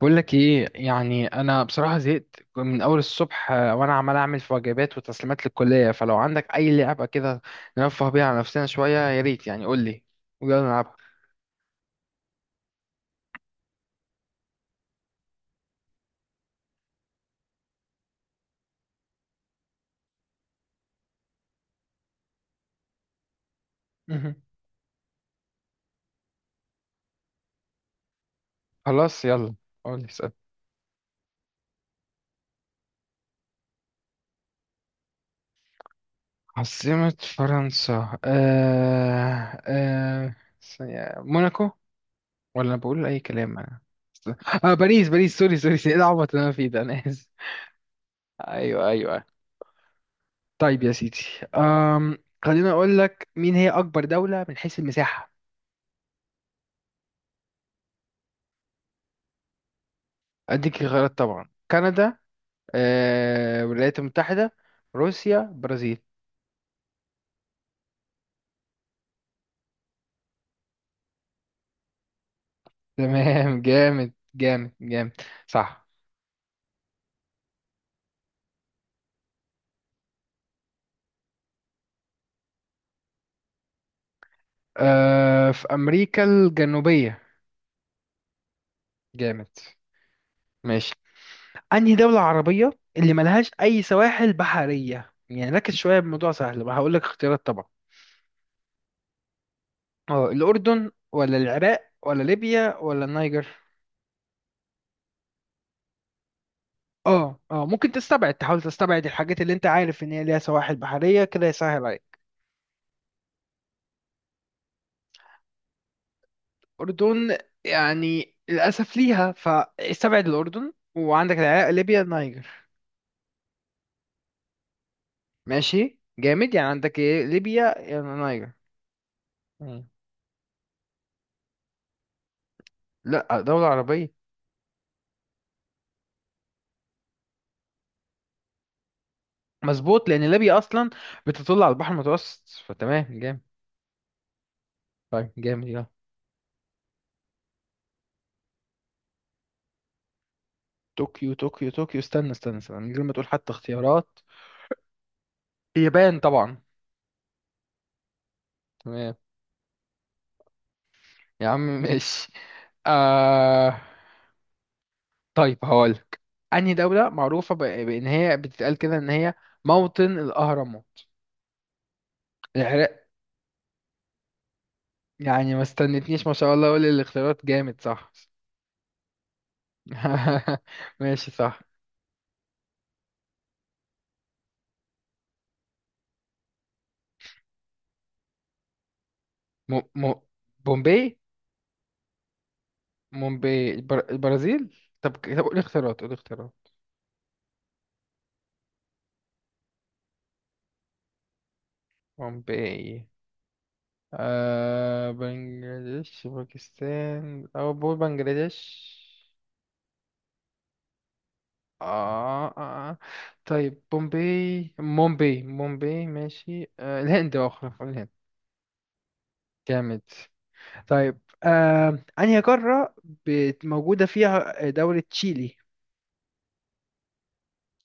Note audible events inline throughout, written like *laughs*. بقول لك ايه يعني انا بصراحه زهقت من اول الصبح وانا عمال اعمل في واجبات وتسليمات للكليه فلو عندك اي لعبه كده نرفه بيها على نفسنا شويه، يا ريت يعني قول لي ويلا نلعبها. مهم. خلاص يلا قول لي اسال. عاصمه فرنسا ثانية، موناكو. ولا بقول اي كلام انا. اه باريس باريس، سوري سوري، ايه العبط اللي انا فيه ده؟ انا اسف. ايوه ايوه. طيب يا سيدي. أم... خليني اقول لك مين هي اكبر دوله من حيث المساحه. اديك خيارات طبعا، كندا، الولايات المتحدة، روسيا، برازيل. تمام *laughs* جامد جامد جامد. صح، في امريكا الجنوبية. جامد ماشي. انهي دولة عربية اللي ملهاش اي سواحل بحرية؟ يعني ركز شوية، بموضوع سهل بقى. هقول لك اختيارات طبعا، اه الاردن ولا العراق ولا ليبيا ولا النيجر. اه ممكن تستبعد، تحاول تستبعد الحاجات اللي انت عارف ان هي ليها سواحل بحرية كده، يسهل عليك. أردن يعني للأسف ليها، فاستبعد الأردن وعندك العراق، ليبيا، النيجر. ماشي جامد، يعني عندك إيه؟ ليبيا يعني النيجر. مم. لا، دولة عربية. مظبوط لأن ليبيا أصلا بتطل على البحر المتوسط، فتمام جامد. طيب جامد يلا. طوكيو طوكيو طوكيو، استنى استنى استنى من غير ما تقول حتى اختيارات. اليابان طبعا. تمام يا عم *laughs* ماشي. آه... طيب هقولك، أنهي دولة معروفة بإن هي بتتقال كده إن هي موطن الأهرامات؟ العراق؟ يعني ما استنتنيش، ما شاء الله، اقول الاختيارات جامد صح. *laughs* ماشي صح. م... م... بومبي، مومباي، البرازيل. طب طب، قول اختيارات قول اختيارات. بومباي بنجلاديش، باكستان، او بقول بنجلاديش. آه, آه, آه. طيب بومباي مومباي مومباي ماشي الهند، اخرى الهند. جامد. طيب أنهي قارة موجودة فيها دولة تشيلي؟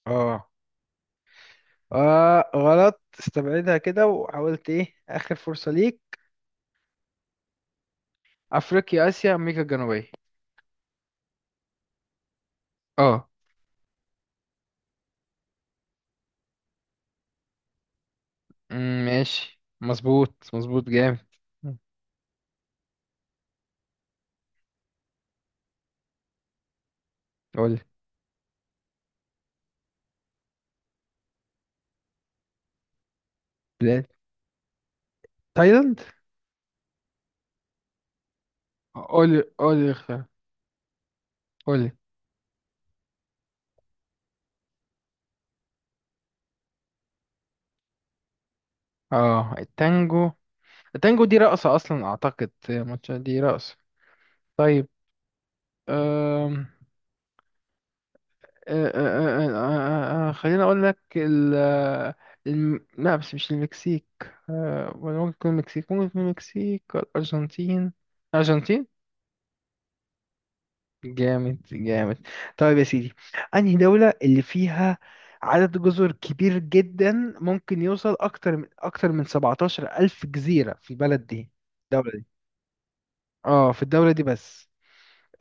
اه اه غلط، استبعدها كده، وحاولت ايه آخر فرصة ليك. أفريقيا، آسيا، أمريكا الجنوبية. اه أمم، ماشي مظبوط مظبوط جامد. قولي. بلاد تايلاند. قولي قولي اختار قولي. اه التانجو التانجو دي رقصة أصلا أعتقد، ماتش دي رقصة. طيب. أم. خليني اقول لك لا بس مش المكسيك. ولا ممكن تكون المكسيك، ممكن تكون المكسيك ولا الارجنتين. الارجنتين. جامد جامد. طيب يا سيدي. انهي دولة اللي فيها عدد جزر كبير جدا، ممكن يوصل اكتر من 17 الف جزيرة في البلد دي؟ الدولة دي، اه في الدولة دي بس.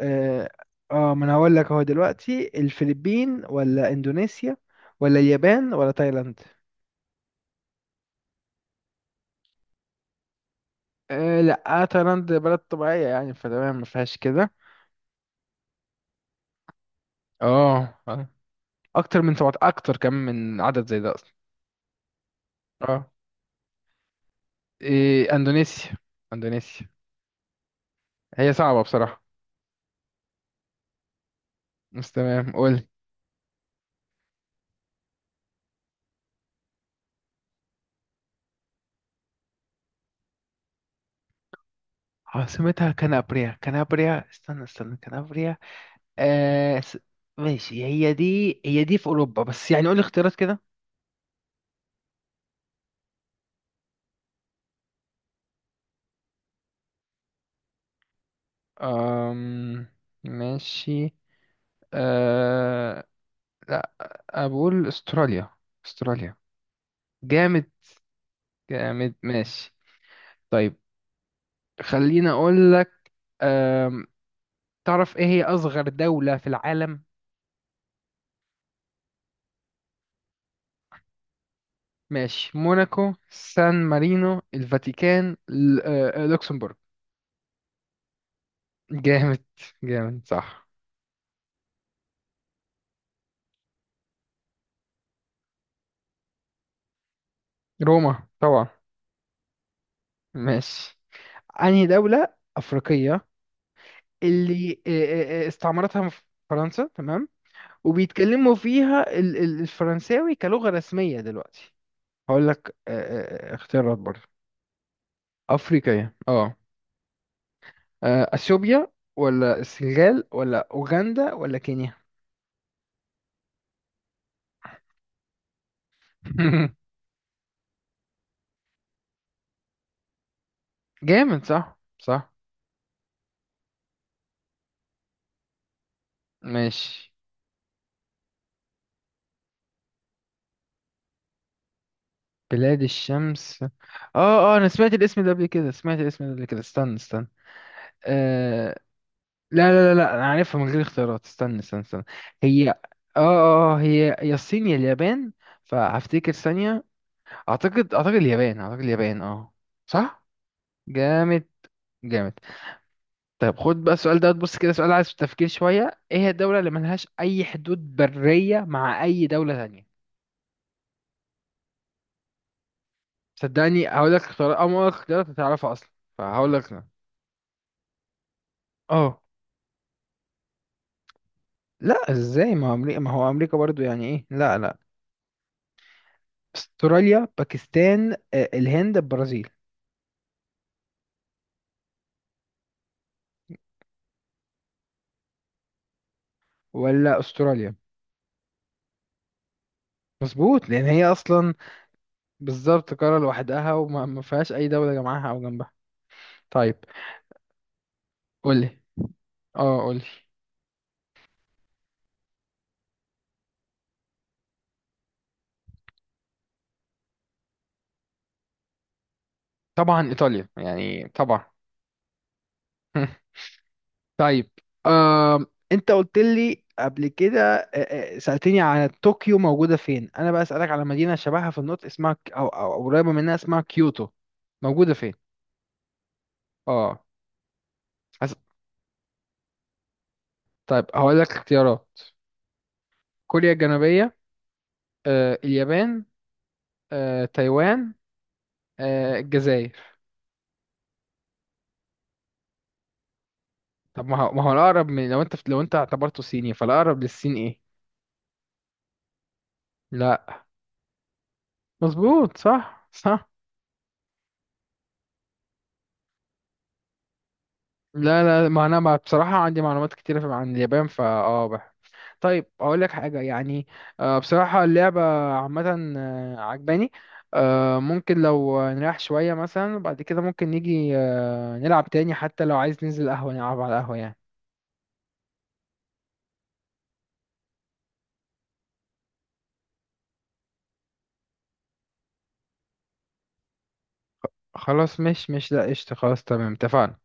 اه ما انا هقول لك هو دلوقتي الفلبين ولا اندونيسيا ولا اليابان ولا تايلاند. لا، تايلاند بلد طبيعية يعني، فتمام ما فيهاش كده. اه آه. اكتر من سبعة، اكتر كمان من عدد زي ده اصلا. اه إيه اندونيسيا، اندونيسيا؟ هي صعبة بصراحة، بس تمام قول. عاصمتها كنابريا، كنابريا، استنى استنى كنابريا. آه س... ماشي، هي دي هي دي في اوروبا بس، يعني قول اختيارات كده. أم... ماشي. أه... لا، بقول استراليا. استراليا. جامد جامد ماشي. طيب. خليني اقول لك، أم، تعرف ايه هي اصغر دولة في العالم؟ ماشي، موناكو، سان مارينو، الفاتيكان، لوكسمبورغ. جامد جامد صح. روما طبعا. ماشي، انهي دولة افريقية اللي استعمرتها فرنسا تمام، وبيتكلموا فيها الفرنساوي كلغة رسمية دلوقتي؟ هقول لك اختيارات برضه. افريقية اه، اثيوبيا ولا السنغال ولا اوغندا ولا كينيا. *laughs* جامد صح صح ماشي. بلاد الشمس اه. اه انا سمعت الاسم ده قبل كده، سمعت الاسم ده قبل كده، استنى استنى. آه... لا لا لا لا، انا عارفها من غير اختيارات، استنى استنى استنى. هي اه. هي يا الصين يا اليابان، فهفتكر ثانية. اعتقد، اعتقد اليابان، اعتقد اليابان اه صح. جامد جامد. طيب خد بقى السؤال ده، بص كده، سؤال عايز تفكير شوية. ايه هي الدولة اللي ملهاش أي حدود برية مع أي دولة تانية؟ صدقني هقول لك اختيارات أو ما اختيارات هتعرفها أصلا، فهقول لك لا. اه لا، ازاي؟ ما هو أمريكا، ما هو أمريكا برضو يعني ايه؟ لا لا. استراليا، باكستان، الهند، البرازيل. ولا استراليا. مظبوط لأن هي أصلا بالظبط قارة لوحدها، وما ما فيهاش أي دولة جنبها أو جنبها. طيب قولي. اه قولي. طبعا إيطاليا يعني طبعا. *laughs* طيب. آم، انت قلت لي قبل كده، سألتني على طوكيو موجودة فين، انا بقى أسألك على مدينة شبهها في النطق اسمها او او أو قريبة منها اسمها كيوتو، موجودة فين؟ اه أس... طيب هقول لك اختيارات. كوريا الجنوبية، اليابان، تايوان، الجزائر. طب، ما هو الأقرب من لو انت، اعتبرته صيني، فالأقرب للصين ايه؟ لا، مظبوط صح صح. لا لا، ما انا بصراحة عندي معلومات كتيرة عن اليابان. طيب اقول لك حاجه يعني، بصراحه اللعبه عامه عجباني. ممكن لو نريح شويه مثلا، وبعد كده ممكن نيجي نلعب تاني. حتى لو عايز ننزل قهوه نلعب على القهوه يعني. خلاص مش مش لا قشطه، خلاص تمام اتفقنا.